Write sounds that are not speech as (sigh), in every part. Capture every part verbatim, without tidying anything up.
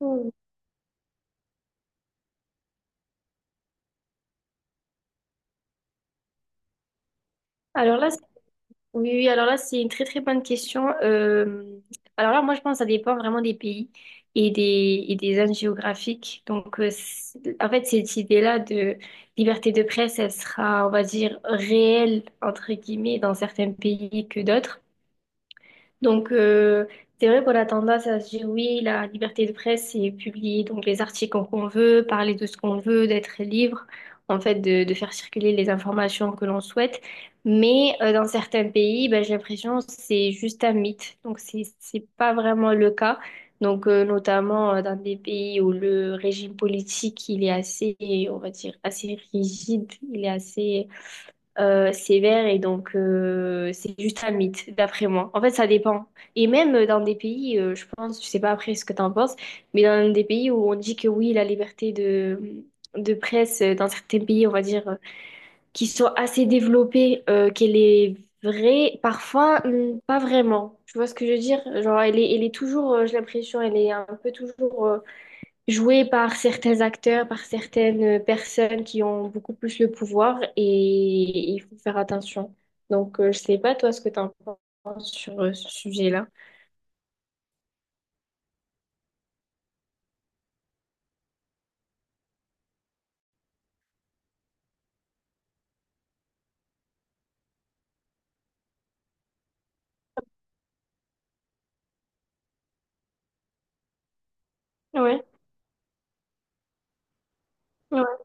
Hmm. Alors là, c'est- oui, oui, alors là, c'est une très très bonne question. Euh, alors là, moi, je pense que ça dépend vraiment des pays et des, et des zones géographiques. Donc, euh, c'est- en fait, cette idée-là de liberté de presse, elle sera, on va dire, réelle, entre guillemets, dans certains pays que d'autres. Donc, euh, c'est vrai qu'on a tendance à se dire, oui, la liberté de presse, c'est publier donc les articles qu'on veut, parler de ce qu'on veut, d'être libre, en fait, de, de faire circuler les informations que l'on souhaite. Mais euh, dans certains pays, ben, j'ai l'impression que c'est juste un mythe. Donc, c'est, c'est pas vraiment le cas. Donc, euh, notamment euh, dans des pays où le régime politique, il est assez, on va dire, assez rigide, il est assez euh, sévère et donc euh, c'est juste un mythe, d'après moi. En fait, ça dépend. Et même euh, dans des pays, euh, je pense, je sais pas après ce que t'en penses, mais dans des pays où on dit que oui, la liberté de, de presse, euh, dans certains pays, on va dire, euh, qui sont assez développés, euh, qu'elle est vraie, parfois, hum, pas vraiment. Tu vois ce que je veux dire? Genre, elle est, elle est toujours, euh, j'ai l'impression, elle est un peu toujours euh, joué par certains acteurs, par certaines personnes qui ont beaucoup plus le pouvoir et il faut faire attention. Donc, euh, je sais pas toi ce que tu en penses sur euh, ce sujet-là. Ouais, ouais.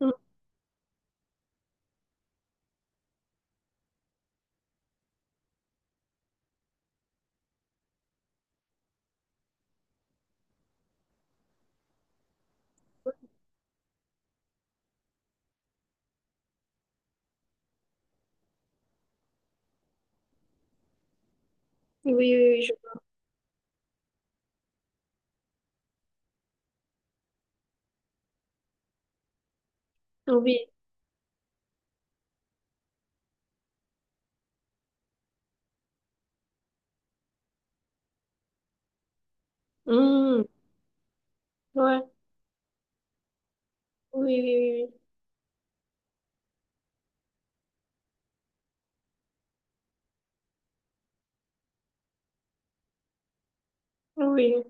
mm. Oui, oui, oui. je- Oui. Mm. Ouais. Oui, oui, oui. Oui.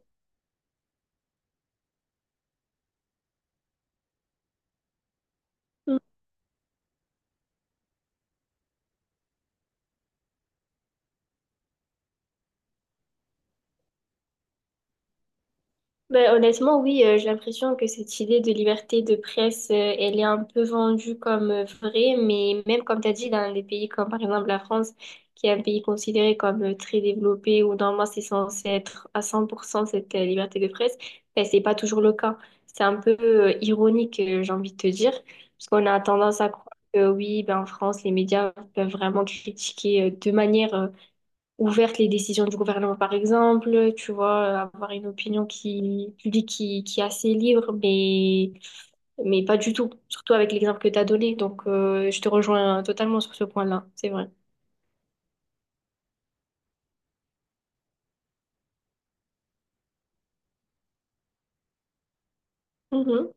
Oui. Ben, honnêtement, oui, euh, j'ai l'impression que cette idée de liberté de presse, euh, elle est un peu vendue comme euh, vraie, mais même comme tu as dit, dans des pays comme par exemple la France, qui est un pays considéré comme euh, très développé, où normalement c'est censé être à cent pour cent cette euh, liberté de presse, ben, c'est pas toujours le cas. C'est un peu euh, ironique, euh, j'ai envie de te dire, parce qu'on a tendance à croire que oui, ben, en France, les médias peuvent vraiment critiquer euh, de manière euh, ouverte les décisions du gouvernement, par exemple, tu vois, avoir une opinion qui, publique qui, qui est assez libre, mais, mais pas du tout, surtout avec l'exemple que tu as donné. Donc, euh, je te rejoins totalement sur ce point-là, c'est vrai. Mhm.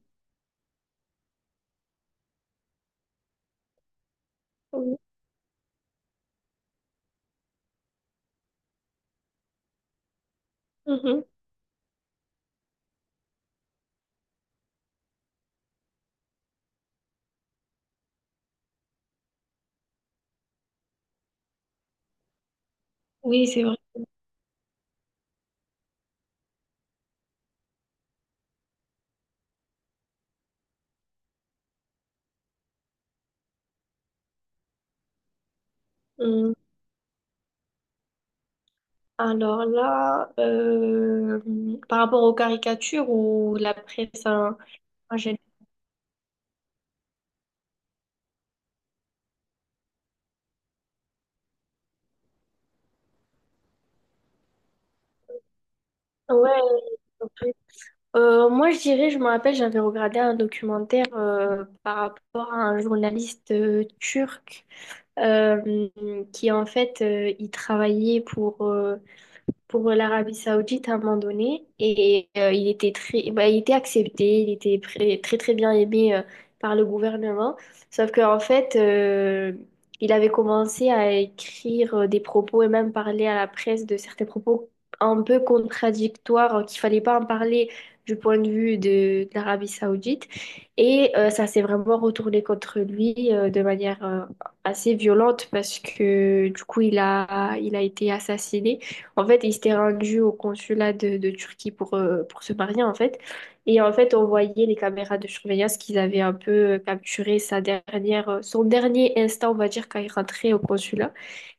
Oui, Mhm. Oui, c'est vrai. Mhm. Alors là, euh, par rapport aux caricatures ou la presse, hein, en général. Ouais, Euh, moi, je dirais, je me rappelle, j'avais regardé un documentaire euh, par rapport à un journaliste euh, turc euh, qui, en fait, euh, il travaillait pour, euh, pour l'Arabie Saoudite à un moment donné et euh, il était très bah, il était accepté, il était pré- très très bien aimé euh, par le gouvernement. Sauf qu'en fait euh, il avait commencé à écrire euh, des propos et même parler à la presse de certains propos un peu contradictoires euh, qu'il fallait pas en parler du point de vue de, de l'Arabie Saoudite et euh, ça s'est vraiment retourné contre lui euh, de manière euh, assez violente parce que du coup il a il a été assassiné. En fait, il s'était rendu au consulat de, de Turquie pour, euh, pour se marier, en fait. Et en fait, on voyait les caméras de surveillance qu'ils avaient un peu euh, capturé sa dernière, euh, son dernier instant, on va dire, quand il rentrait au consulat.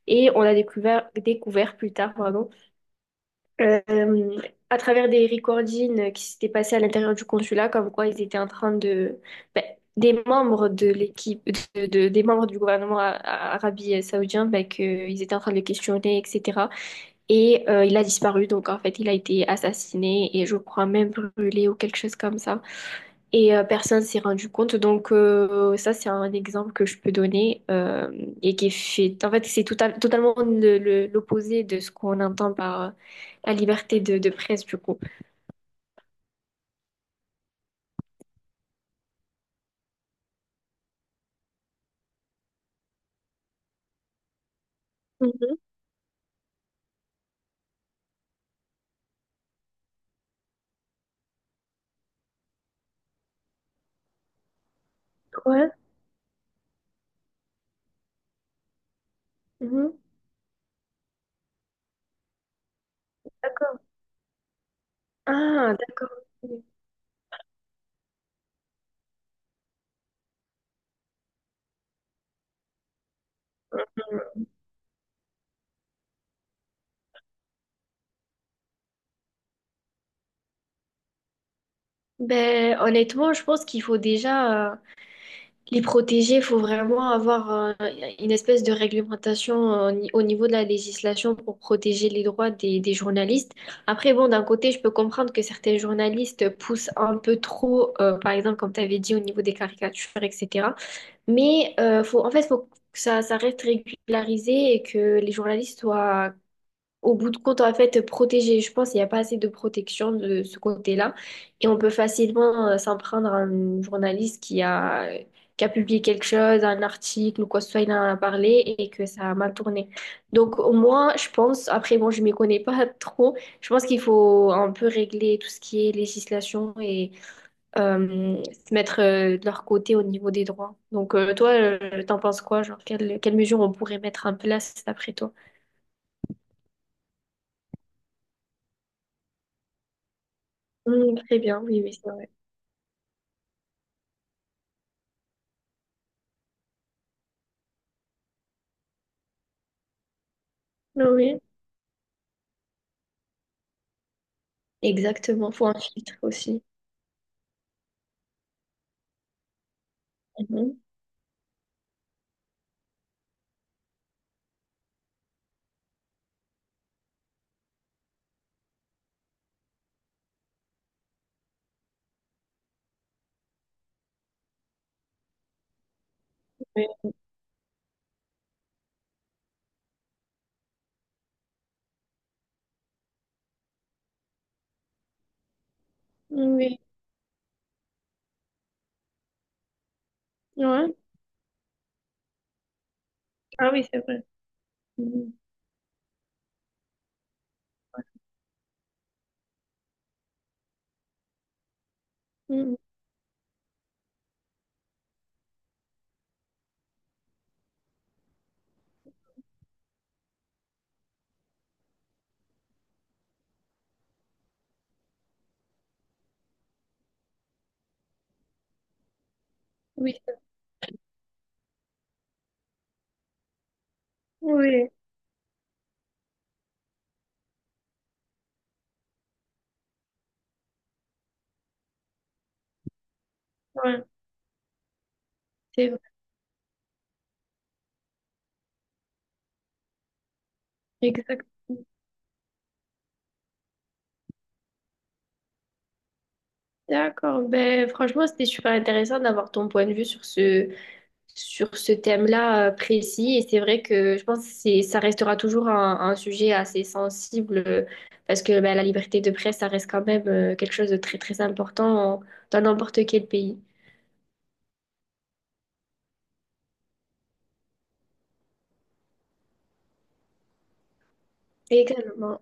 Et on a découvert, découvert plus tard, pardon, euh, euh, à travers des recordings qui s'étaient passés à l'intérieur du consulat, comme quoi ils étaient en train de... ben, des membres de l'équipe, de, de- des membres du gouvernement a- a- arabie saoudien, ben, qu'ils étaient en train de le questionner, et cetera. Et euh, il a disparu, donc en fait il a été assassiné et je crois même brûlé ou quelque chose comme ça. Et euh, personne s'est rendu compte, donc euh, ça c'est un exemple que je peux donner euh, et qui fait, en fait c'est tota- totalement le- le- l'opposé de ce qu'on entend par euh, la liberté de, de presse du coup. Mhm. Ouais. Mhm. D'accord. Ah, d'accord. Ben, honnêtement, je pense qu'il faut déjà. euh, Les protéger, il faut vraiment avoir euh, une espèce de réglementation euh, ni- au niveau de la législation pour protéger les droits des, des journalistes. Après, bon, d'un côté, je peux comprendre que certains journalistes poussent un peu trop, euh, par exemple, comme tu avais dit, au niveau des caricatures, et cetera. Mais euh, faut, en fait, il faut que ça, ça reste régularisé et que les journalistes soient au bout de compte, en fait, protéger, je pense qu'il n'y a pas assez de protection de ce côté-là. Et on peut facilement euh, s'en prendre à un journaliste qui a, qui a publié quelque chose, un article ou quoi que ce soit, il en a parlé et que ça a mal tourné. Donc, moi, je pense, après, bon, je ne m'y connais pas (laughs) trop, je pense qu'il faut un peu régler tout ce qui est législation et euh, se mettre euh, de leur côté au niveau des droits. Donc, euh, toi, euh, t'en penses quoi? Genre, quelles quelles mesures on pourrait mettre en place après toi? Hum, très bien, oui, oui. Oui, Exactement, faut un filtre aussi. Mhm. oui, oui. Ouais. Ah oui, c'est vrai. Mhm. Mhm. Oui, c'est- vrai. oui, ouais, c'est vrai. Exact. D'accord. Ben, franchement, c'était super intéressant d'avoir ton point de vue sur ce, sur ce thème-là euh, précis. Et c'est vrai que je pense que c'est- ça restera toujours un, un sujet assez sensible euh, parce que ben, la liberté de presse, ça reste quand même euh, quelque chose de très, très important dans n'importe quel pays. Également.